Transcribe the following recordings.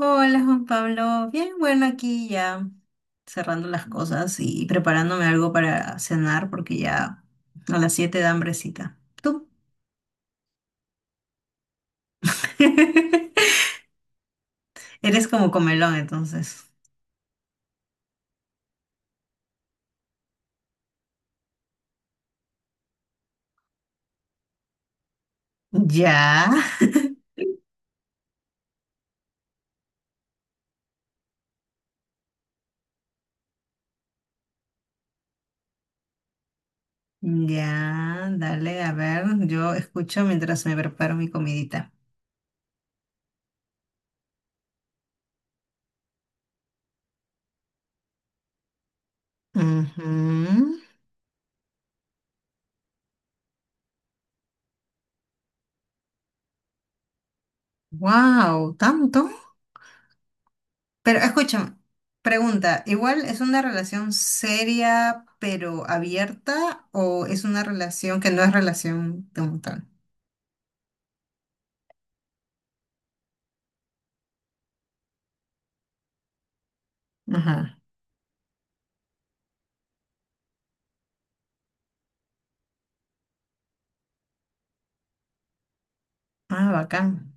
Hola Juan Pablo, bien, bueno, aquí ya cerrando las cosas y preparándome algo para cenar porque ya a las 7 da hambrecita. Tú eres como comelón, entonces. Ya, ya, dale, a ver, yo escucho mientras me preparo mi comidita. Wow, ¿tanto? Pero escúchame, pregunta, ¿igual es una relación seria pero abierta o es una relación que no es relación de un montón? Ajá. Ah, bacán.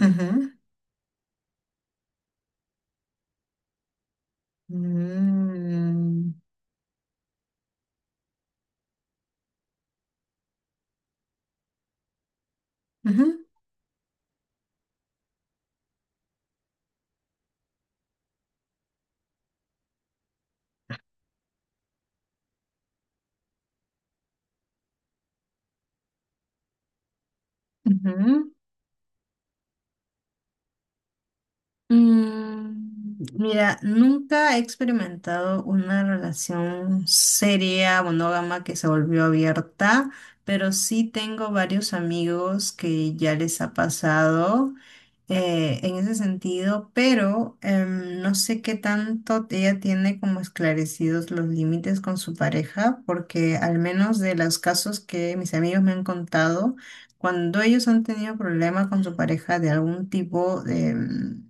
Ujú. Mm, ujú, ujú. Mm, mira, nunca he experimentado una relación seria, monógama, que se volvió abierta, pero sí tengo varios amigos que ya les ha pasado. En ese sentido, pero no sé qué tanto ella tiene como esclarecidos los límites con su pareja, porque al menos de los casos que mis amigos me han contado, cuando ellos han tenido problemas con su pareja de algún tipo,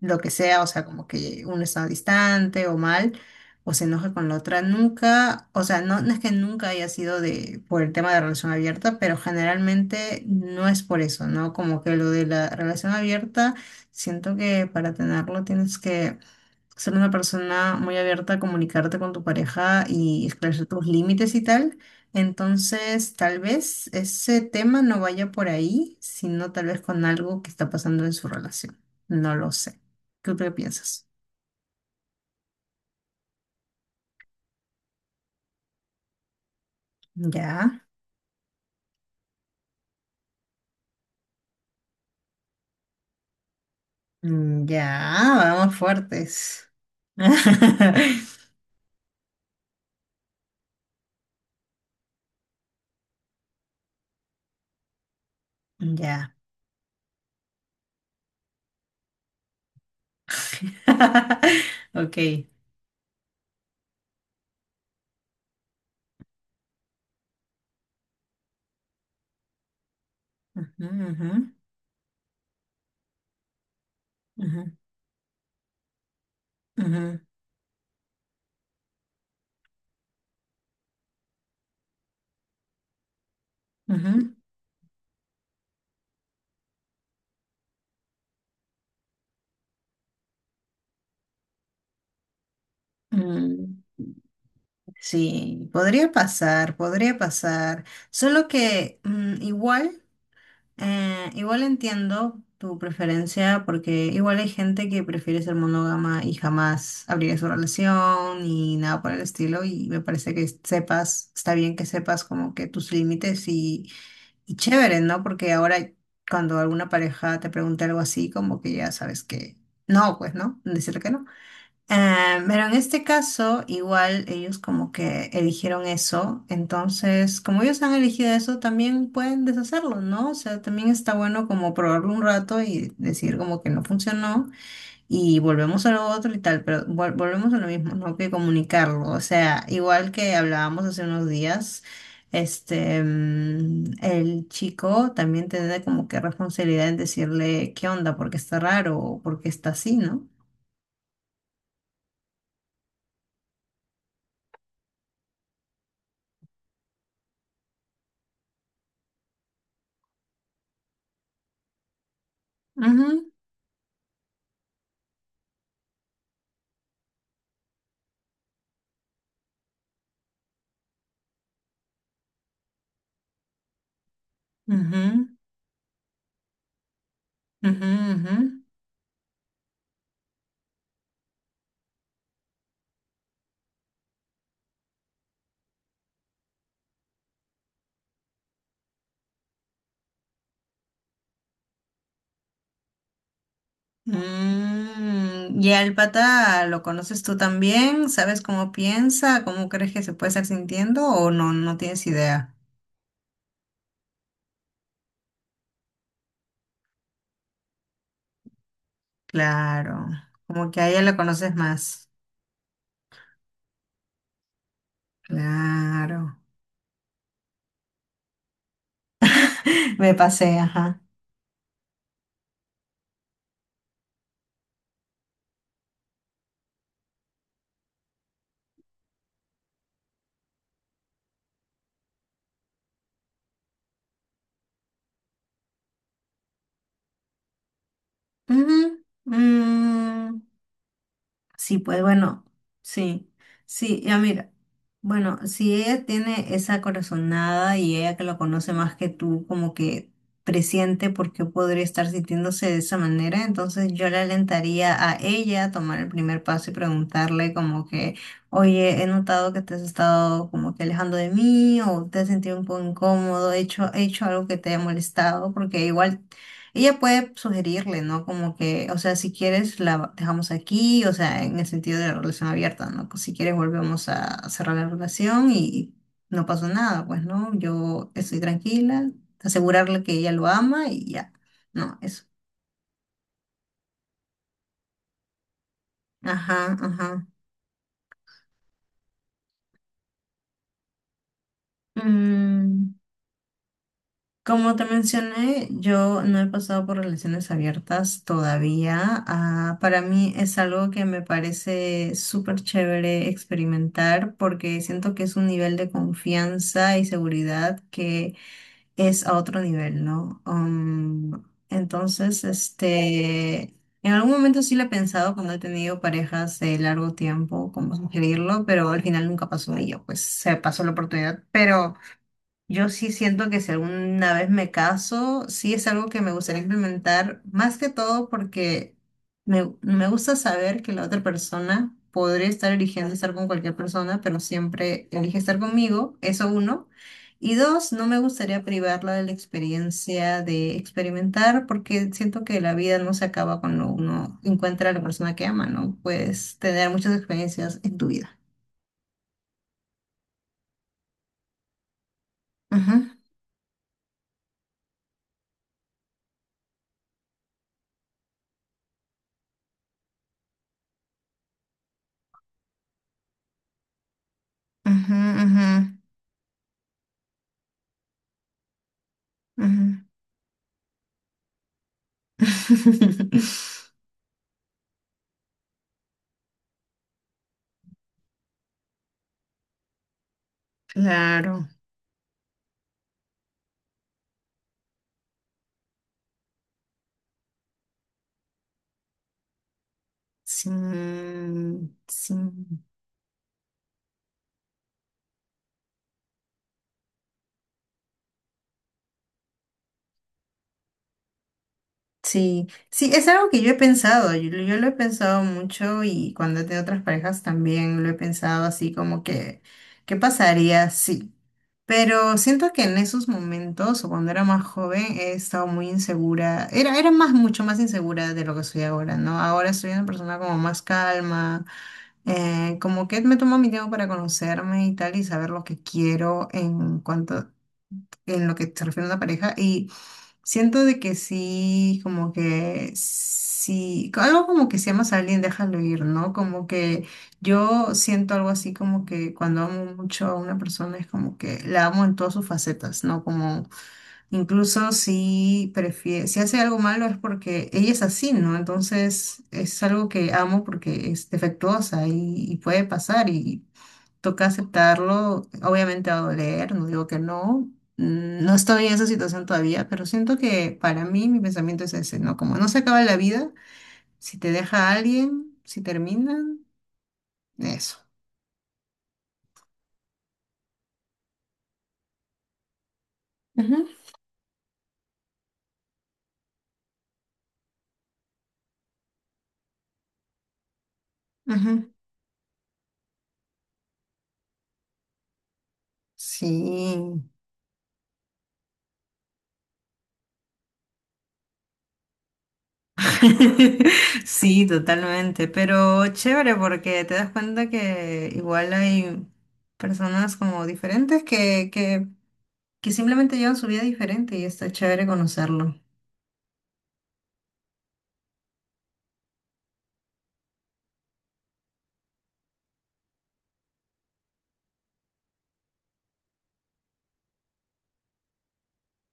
lo que sea, o sea, como que uno está distante o mal, o se enoja con la otra, nunca, o sea, no, no es que nunca haya sido de, por el tema de relación abierta, pero generalmente no es por eso, ¿no? Como que lo de la relación abierta, siento que para tenerlo tienes que ser una persona muy abierta a comunicarte con tu pareja y esclarecer tus límites y tal. Entonces, tal vez ese tema no vaya por ahí, sino tal vez con algo que está pasando en su relación. No lo sé. ¿Tú qué piensas? Ya. Mm, ya, vamos fuertes. Ya. Ok. Ujú, ujú, ujú, ujú, ujú. Mm, sí, podría pasar, podría pasar. Solo que igual, igual entiendo tu preferencia, porque igual hay gente que prefiere ser monógama y jamás abrir su relación y nada por el estilo. Y me parece que sepas, está bien que sepas como que tus límites y chévere, ¿no? Porque ahora cuando alguna pareja te pregunta algo así, como que ya sabes que no, pues, ¿no? Decirle que no. Ah, pero en este caso, igual ellos como que eligieron eso, entonces como ellos han elegido eso, también pueden deshacerlo, ¿no? O sea, también está bueno como probarlo un rato y decir como que no funcionó y volvemos a lo otro y tal, pero volvemos a lo mismo, ¿no? Que comunicarlo, o sea, igual que hablábamos hace unos días. Este, el chico también tiene como que responsabilidad en decirle qué onda, porque está raro o porque está así, ¿no? Ujú, ujú. Ujú, ujú. Mm, y al pata lo conoces tú también, ¿sabes cómo piensa? ¿Cómo crees que se puede estar sintiendo? ¿O no, no tienes idea? Claro, como que a ella la conoces más. Claro, me pasé, ajá. Ujú. Sí, pues bueno, sí, sí, ya mira, bueno, si ella tiene esa corazonada y ella que lo conoce más que tú, como que presiente por qué podría estar sintiéndose de esa manera, entonces yo le alentaría a ella a tomar el primer paso y preguntarle como que, oye, he notado que te has estado como que alejando de mí o te has sentido un poco incómodo, he hecho algo que te haya molestado, porque igual... Ella puede sugerirle, ¿no? Como que, o sea, si quieres la dejamos aquí, o sea, en el sentido de la relación abierta, ¿no? Pues si quieres volvemos a cerrar la relación y no pasó nada, pues, ¿no? Yo estoy tranquila, asegurarle que ella lo ama y ya. No, eso. Ajá, ajá. Mm, como te mencioné, yo no he pasado por relaciones abiertas todavía. Ah, para mí es algo que me parece súper chévere experimentar porque siento que es un nivel de confianza y seguridad que es a otro nivel, ¿no? Um, entonces, este, en algún momento sí lo he pensado cuando he tenido parejas de largo tiempo, como sugerirlo, pero al final nunca pasó y yo pues se pasó la oportunidad, pero... Yo sí siento que si alguna vez me caso, sí es algo que me gustaría implementar, más que todo porque me gusta saber que la otra persona podría estar eligiendo estar con cualquier persona, pero siempre elige estar conmigo, eso uno. Y dos, no me gustaría privarla de la experiencia de experimentar porque siento que la vida no se acaba cuando uno encuentra a la persona que ama, ¿no? Puedes tener muchas experiencias en tu vida. Ujú, ujú, ujú, ujú. Claro, sí, sí, sí, sí, es algo que yo he pensado, yo lo he pensado mucho y cuando he tenido otras parejas también lo he pensado así como que, ¿qué pasaría si? Pero siento que en esos momentos o cuando era más joven he estado muy insegura, era más, mucho más insegura de lo que soy ahora, ¿no? Ahora soy una persona como más calma. Como que me tomo mi tiempo para conocerme y tal y saber lo que quiero en cuanto en lo que se refiere a una pareja y siento de que sí, como que sí, algo como que si amas a alguien déjalo ir, ¿no? Como que yo siento algo así como que cuando amo mucho a una persona es como que la amo en todas sus facetas, ¿no? Como incluso si prefiere, si hace algo malo es porque ella es así, ¿no? Entonces es algo que amo porque es defectuosa y puede pasar y toca aceptarlo. Obviamente va a doler, no digo que no. No estoy en esa situación todavía, pero siento que para mí mi pensamiento es ese, ¿no? Como no se acaba la vida, si te deja alguien, si terminan, eso. Ujú. Ujú. Sí. Sí, totalmente, pero chévere porque te das cuenta que igual hay personas como diferentes que simplemente llevan su vida diferente y está chévere conocerlo,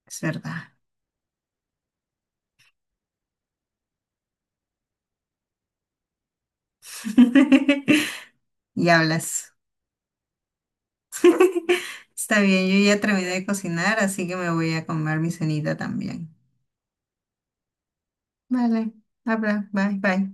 es verdad. Y hablas. Está bien, yo ya terminé de cocinar, así que me voy a comer mi cenita también. Vale, habla, bye, bye.